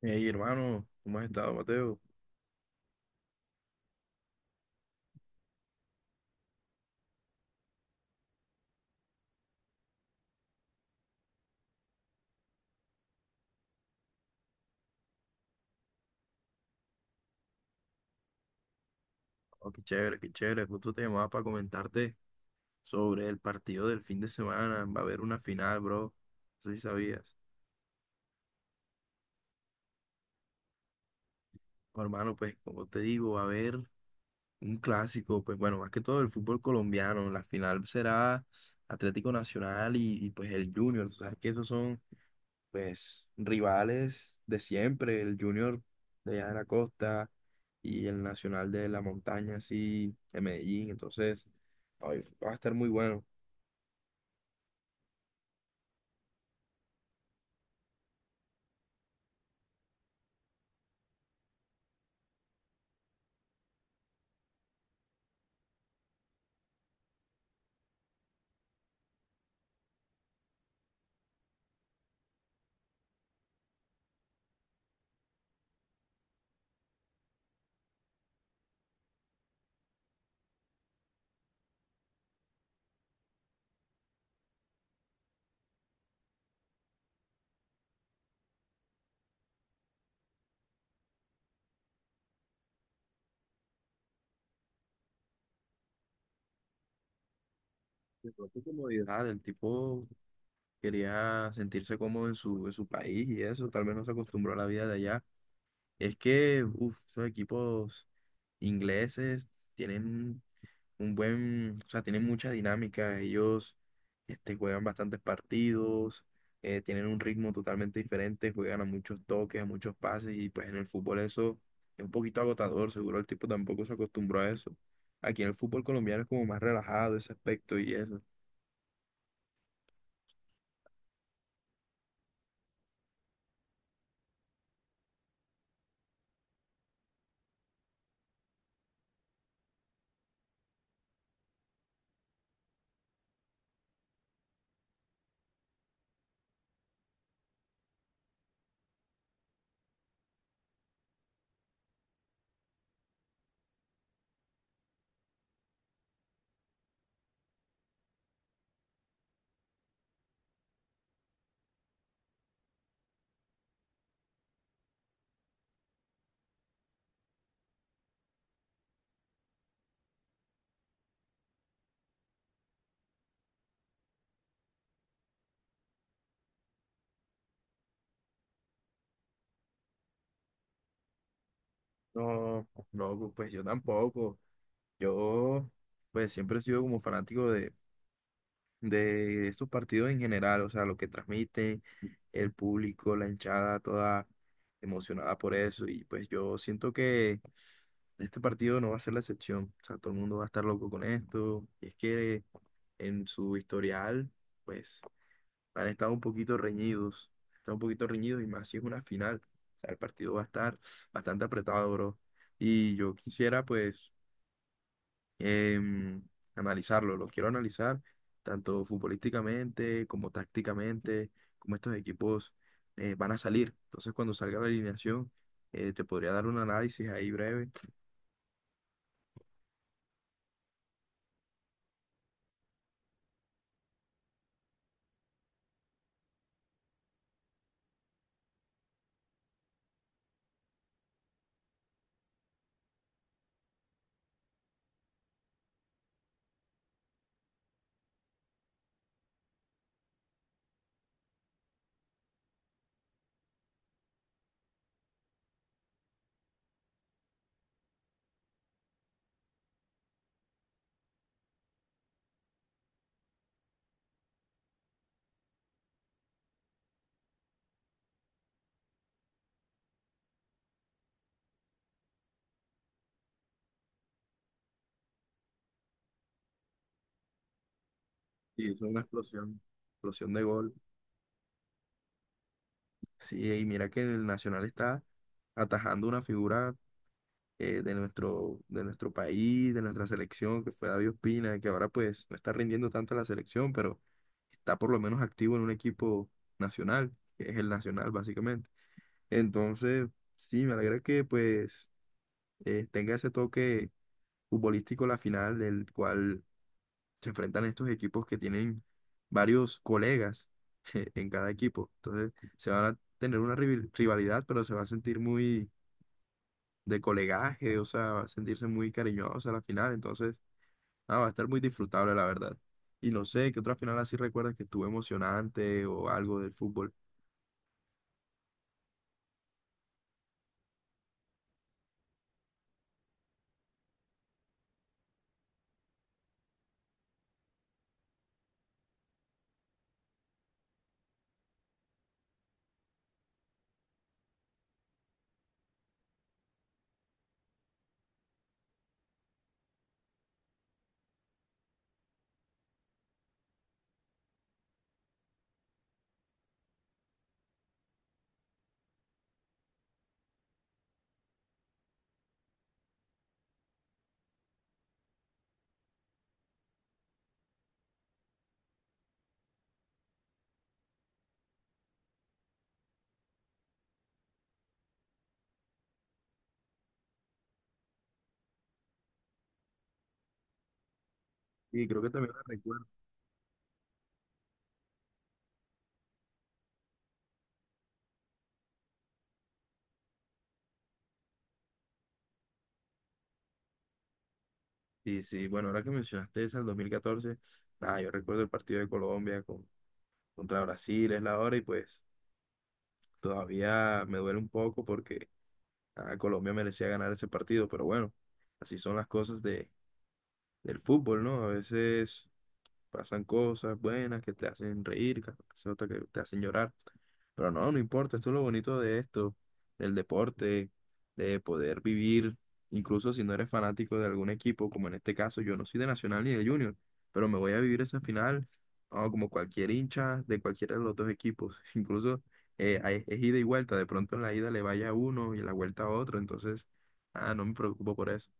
Hey, hermano, ¿cómo has estado, Mateo? Oh, qué chévere, qué chévere. Justo te llamaba para comentarte sobre el partido del fin de semana. Va a haber una final, bro. No sé si sabías. Oh, hermano, pues, como te digo, va a haber un clásico, pues, bueno, más que todo el fútbol colombiano. La final será Atlético Nacional pues, el Junior. Tú sabes que esos son pues rivales de siempre, el Junior de allá de la costa y el Nacional de la Montaña, así, de Medellín, entonces ay, va a estar muy bueno. De pronto comodidad, el tipo quería sentirse cómodo en en su país y eso, tal vez no se acostumbró a la vida de allá. Es que, uff, esos equipos ingleses tienen un buen, o sea, tienen mucha dinámica, ellos este, juegan bastantes partidos, tienen un ritmo totalmente diferente, juegan a muchos toques, a muchos pases y pues en el fútbol eso es un poquito agotador, seguro el tipo tampoco se acostumbró a eso. Aquí en el fútbol colombiano es como más relajado ese aspecto y eso. No, no, pues yo tampoco. Yo pues siempre he sido como fanático de estos partidos en general, o sea, lo que transmiten, el público, la hinchada, toda emocionada por eso. Y pues yo siento que este partido no va a ser la excepción. O sea, todo el mundo va a estar loco con esto. Y es que en su historial, pues han estado un poquito reñidos. Están un poquito reñidos y más si es una final. O sea, el partido va a estar bastante apretado, bro. Y yo quisiera, pues em, analizarlo, lo quiero analizar tanto futbolísticamente como tácticamente, como estos equipos van a salir. Entonces, cuando salga la alineación, te podría dar un análisis ahí breve. Y es una explosión, explosión de gol. Sí, y mira que el Nacional está atajando una figura de de nuestro país, de nuestra selección, que fue David Ospina, que ahora pues no está rindiendo tanto en la selección, pero está por lo menos activo en un equipo nacional, que es el Nacional básicamente. Entonces, sí, me alegra que pues tenga ese toque futbolístico la final, del cual se enfrentan estos equipos que tienen varios colegas en cada equipo. Entonces, se van a tener una rivalidad, pero se va a sentir muy de colegaje, o sea, sentirse muy cariñosos a la final, entonces, nada, va a estar muy disfrutable, la verdad. Y no sé, ¿qué otra final así recuerdas que estuvo emocionante o algo del fútbol? Y creo que también la recuerdo. Y sí, bueno, ahora que mencionaste esa, el 2014, nada, yo recuerdo el partido de Colombia contra Brasil, es la hora, y pues todavía me duele un poco porque ah, Colombia merecía ganar ese partido, pero bueno, así son las cosas del fútbol, ¿no? A veces pasan cosas buenas que te hacen reír, que pasan otras que te hacen llorar. Pero no, no importa, esto es lo bonito de esto, del deporte, de poder vivir, incluso si no eres fanático de algún equipo, como en este caso, yo no soy de Nacional ni de Junior, pero me voy a vivir esa final, ah, como cualquier hincha de cualquiera de los dos equipos. Incluso es ida y vuelta, de pronto en la ida le vaya a uno y en la vuelta a otro, entonces, ah, no me preocupo por eso.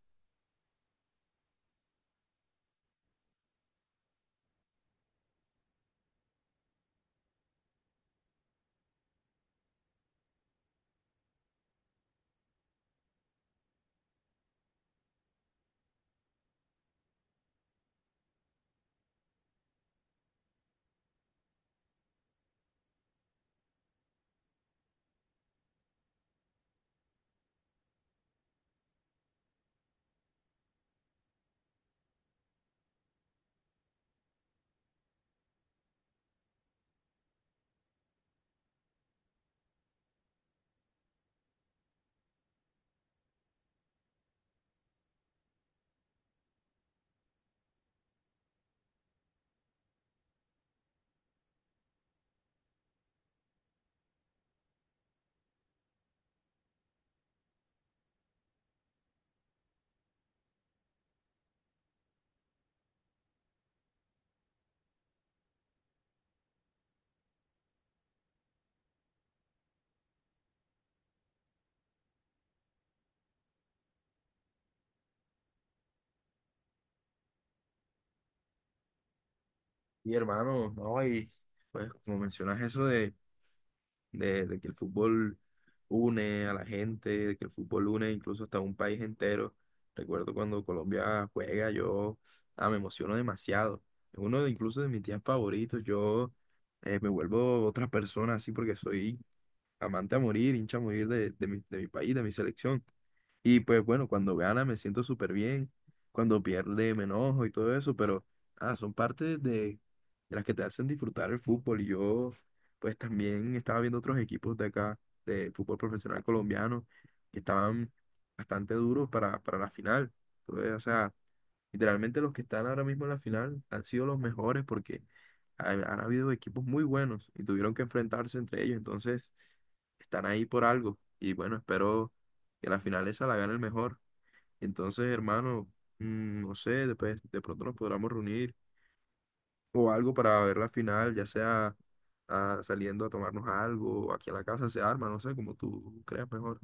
Y hermano, no, y pues como mencionas eso de de que el fútbol une a la gente, de que el fútbol une incluso hasta un país entero. Recuerdo cuando Colombia juega, yo ah, me emociono demasiado. Es uno de, incluso de mis días favoritos. Yo me vuelvo otra persona así porque soy amante a morir, hincha a morir de mi país, de mi selección. Y pues bueno, cuando gana me siento súper bien, cuando pierde me enojo y todo eso, pero ah, son partes de las que te hacen disfrutar el fútbol. Y yo pues también estaba viendo otros equipos de acá, de fútbol profesional colombiano, que estaban bastante duros para la final. Entonces, o sea, literalmente los que están ahora mismo en la final han sido los mejores porque habido equipos muy buenos y tuvieron que enfrentarse entre ellos. Entonces, están ahí por algo. Y bueno, espero que la final esa la gane el mejor. Entonces, hermano, mm, no sé, después de pronto nos podremos reunir o algo para ver la final, ya sea ah, saliendo a tomarnos algo, o aquí a la casa se arma, no sé, como tú creas mejor.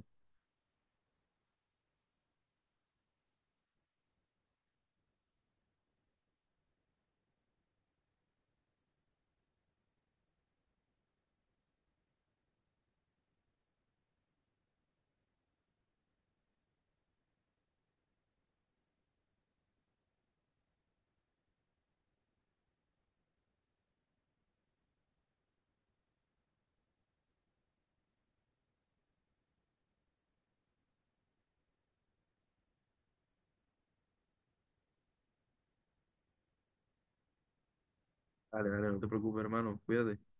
Dale, dale, no te preocupes, hermano, cuídate.